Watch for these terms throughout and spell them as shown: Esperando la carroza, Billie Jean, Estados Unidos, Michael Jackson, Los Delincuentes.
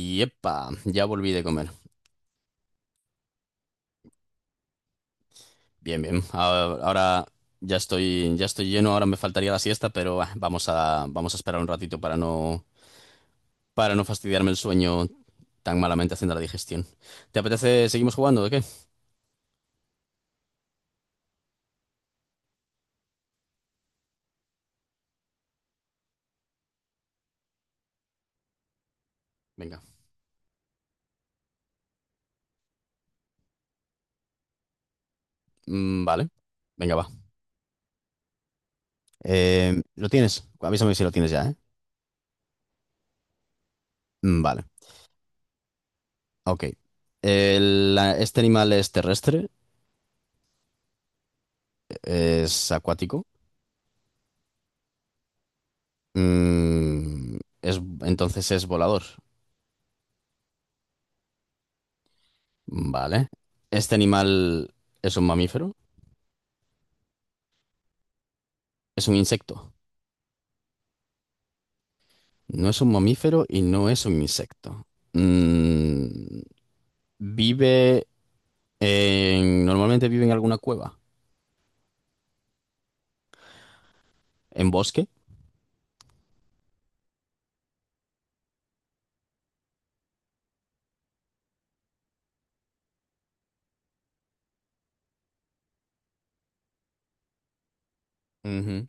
Y epa, ya volví de comer. Bien, bien. Ahora ya estoy lleno, ahora me faltaría la siesta, pero vamos a esperar un ratito para no fastidiarme el sueño tan malamente haciendo la digestión. ¿Te apetece? ¿Seguimos jugando o qué? Venga. Mm, vale. Venga, va. ¿Lo tienes? Avísame si lo tienes ya, ¿eh? Mm, vale. Ok. Este animal es terrestre, es acuático, mm, entonces es volador. Vale. ¿Este animal es un mamífero? ¿Es un insecto? No es un mamífero y no es un insecto. Mm, vive en Normalmente vive en alguna cueva. ¿En bosque? Ujú.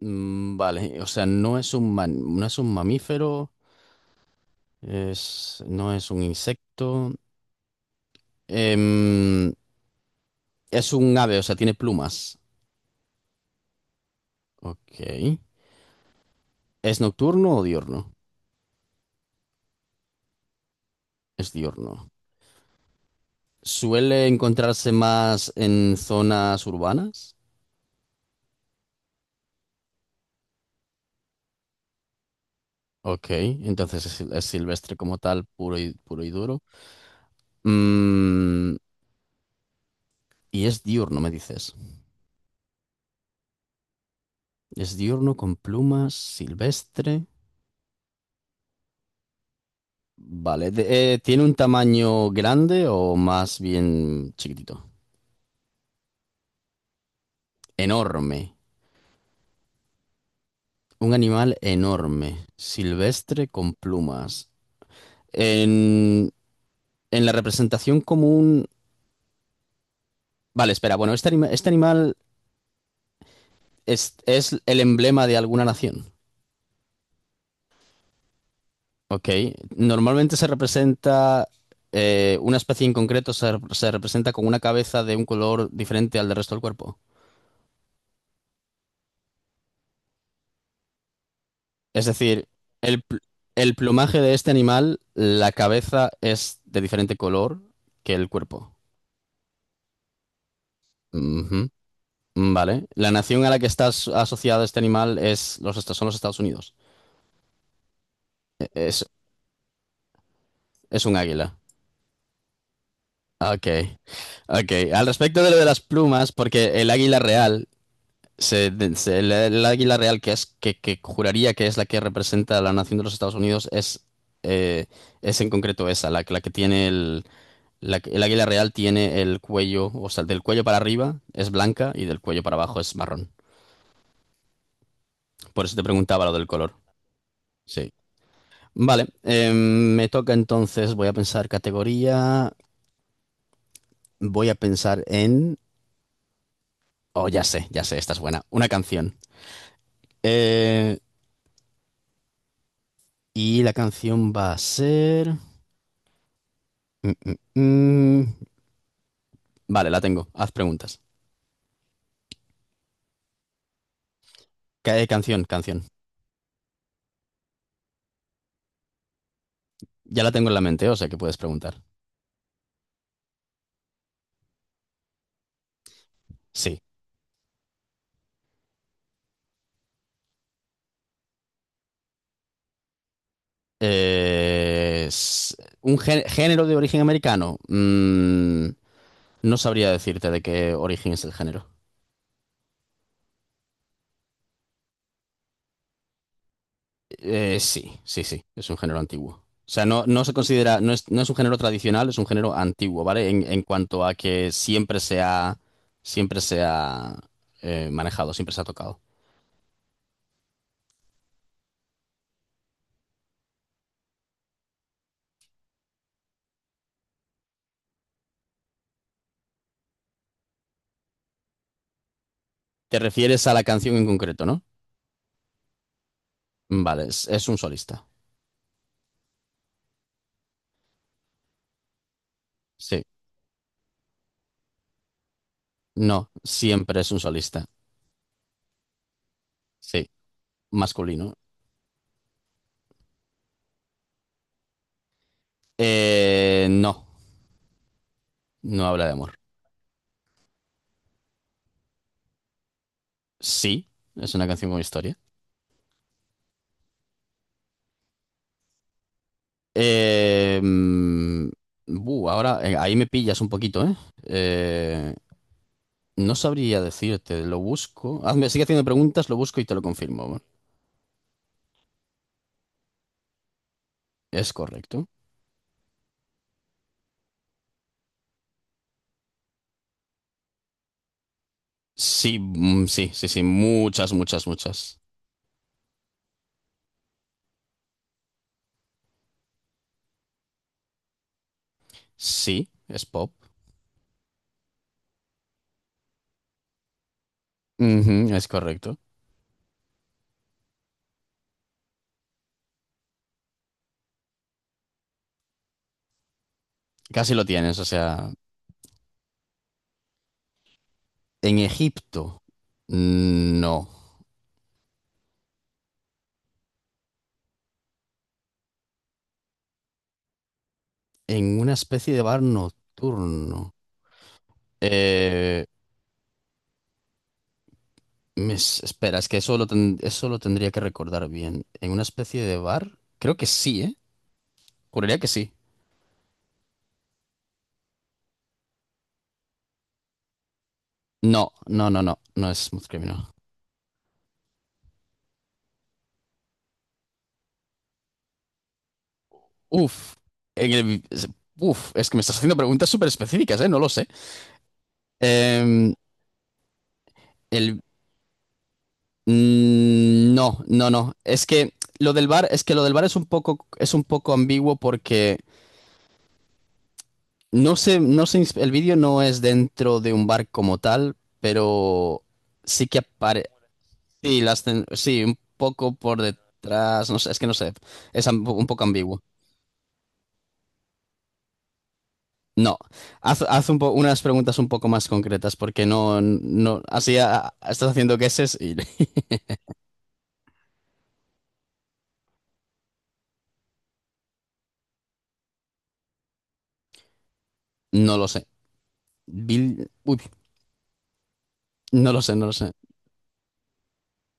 Mm, vale. O sea, no es un no es un mamífero. Es No es un insecto. Em, es un ave, o sea, tiene plumas. Ok. ¿Es nocturno o diurno? Es diurno. Suele encontrarse más en zonas urbanas. Ok, entonces es silvestre como tal, puro y duro. Mm, y es diurno, me dices. Es diurno con plumas, silvestre. Vale. ¿Tiene un tamaño grande o más bien chiquitito? Enorme. Un animal enorme, silvestre con plumas. En, en la representación común Vale, espera, bueno, este animal es el emblema de alguna nación. Ok. Normalmente se representa, una especie en concreto se representa con una cabeza de un color diferente al del resto del cuerpo. Es decir, el, pl- el plumaje de este animal, la cabeza es de diferente color que el cuerpo. Ujú. Vale. La nación a la que está asociado este animal son los Estados Unidos. E- Es, es un águila. Ok. Ok. Al respecto de lo de las plumas, porque el águila real Se, de- se- la- el águila real, que es que juraría que es la que representa a la nación de los Estados Unidos, eh, es en concreto esa, la que tiene el águila real tiene el cuello, o sea, del cuello para arriba es blanca y del cuello para abajo es marrón. Por eso te preguntaba lo del color. Sí. Vale, me toca entonces, voy a pensar categoría, voy a pensar en Oh, ya sé, esta es buena. Una canción. Eh, y la canción va a ser Mm, mm, mm. Vale, la tengo. Haz preguntas. Canción, canción. Ya la tengo en la mente, o sea que puedes preguntar. Sí. Es un género de origen americano. No sabría decirte de qué origen es el género. Sí, sí, sí. Es un género antiguo. O sea, no se considera, no es un género tradicional, es un género antiguo, ¿vale? En cuanto a que siempre se ha manejado, siempre se ha tocado. ¿Te refieres a la canción en concreto, no? Vale, es un solista. Sí. No, siempre es un solista. Sí, masculino. No, no habla de amor. Sí, es una canción con historia. Eh, mm, ahora ahí me pillas un poquito, ¿eh? Eh, no sabría decirte, lo busco. Hazme, sigue haciendo preguntas, lo busco y te lo confirmo. ¿Es correcto? Sí, mm, sí, sí, sí, muchas, muchas, muchas. Sí, es pop. Ujú, es correcto. Casi lo tienes, o sea, en Egipto, mm, no. En una especie de bar nocturno. Eh, espera, es que eso lo tendría que recordar bien. ¿En una especie de bar? Creo que sí, ¿eh? Juraría que sí. No, no, no, no, no es Smooth Criminal. Uf, en el- es- es que me estás haciendo preguntas súper específicas, ¿eh? No lo sé. Em, el, no, no, no. es que lo del bar, es un poco ambiguo porque no sé, no sé, el vídeo no es dentro de un bar como tal, pero sí que aparece. Sí, sí, un poco por detrás. No sé, es que no sé. Es un poco ambiguo. No. Unas preguntas un poco más concretas, porque no, no, así estás haciendo guesses y no lo sé. Uy, no lo sé, no lo sé.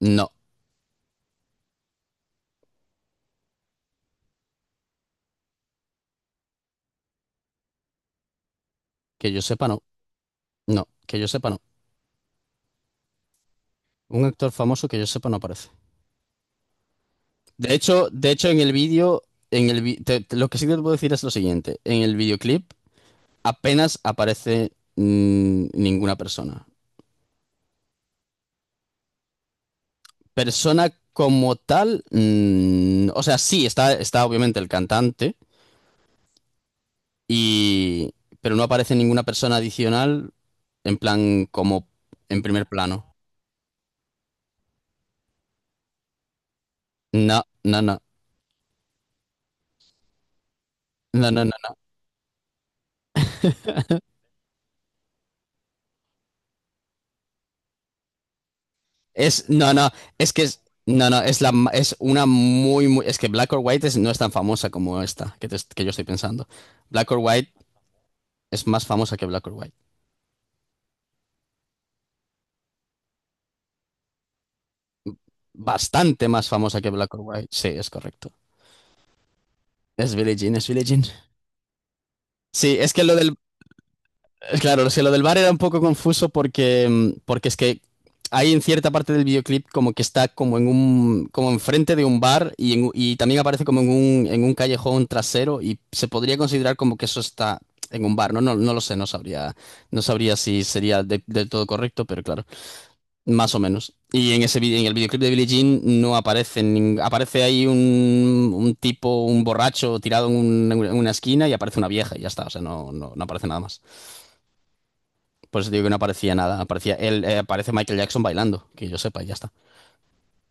No, que yo sepa no. No, que yo sepa no. Un actor famoso que yo sepa no aparece. De hecho en el vídeo, en el vi- te- te- lo que sí te puedo decir es lo siguiente. En el videoclip apenas aparece ninguna persona. Persona como tal, o sea, sí, está obviamente el cantante, y, pero no aparece ninguna persona adicional en plan como en primer plano. No, no, no, no, no, no, no, no, no, no, es una muy, muy, es que Black or White no es tan famosa como esta que yo estoy pensando. Black or White es más famosa que Black or White. Bastante más famosa que Black or White. Sí, es correcto. Es Billie Jean, es Billie Jean. Sí. es que lo del Claro, o sea, lo del bar era un poco confuso porque es que hay en cierta parte del videoclip como que está como enfrente de un bar y también aparece en un callejón trasero y se podría considerar como que eso está en un bar, ¿no? No, no lo sé, no sabría si sería del todo correcto, pero claro, más o menos. Y en ese en el videoclip de Billie Jean no aparece, aparece ahí un tipo, un borracho tirado en una esquina y aparece una vieja y ya está, o sea, no, no, no aparece nada más. Por eso digo que no aparecía nada. Aparecía él, aparece Michael Jackson bailando, que yo sepa, y ya está.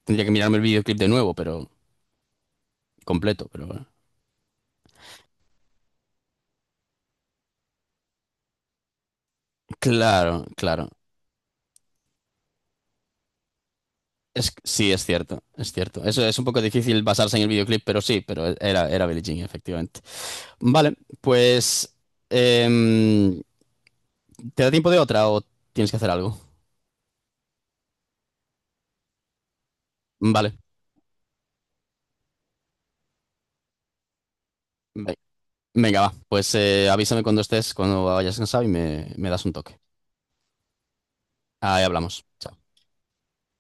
Tendría que mirarme el videoclip de nuevo, pero completo, pero bueno. Claro, claro. Sí, es cierto, es cierto. Eso es un poco difícil basarse en el videoclip, pero sí, pero era Billie Jean, efectivamente. Vale, pues em, ¿te da tiempo de otra o tienes que hacer algo? Vale. ve- Venga, va. Pues avísame cuando estés, cuando vayas cansado y me das un toque. Ahí hablamos. Chao.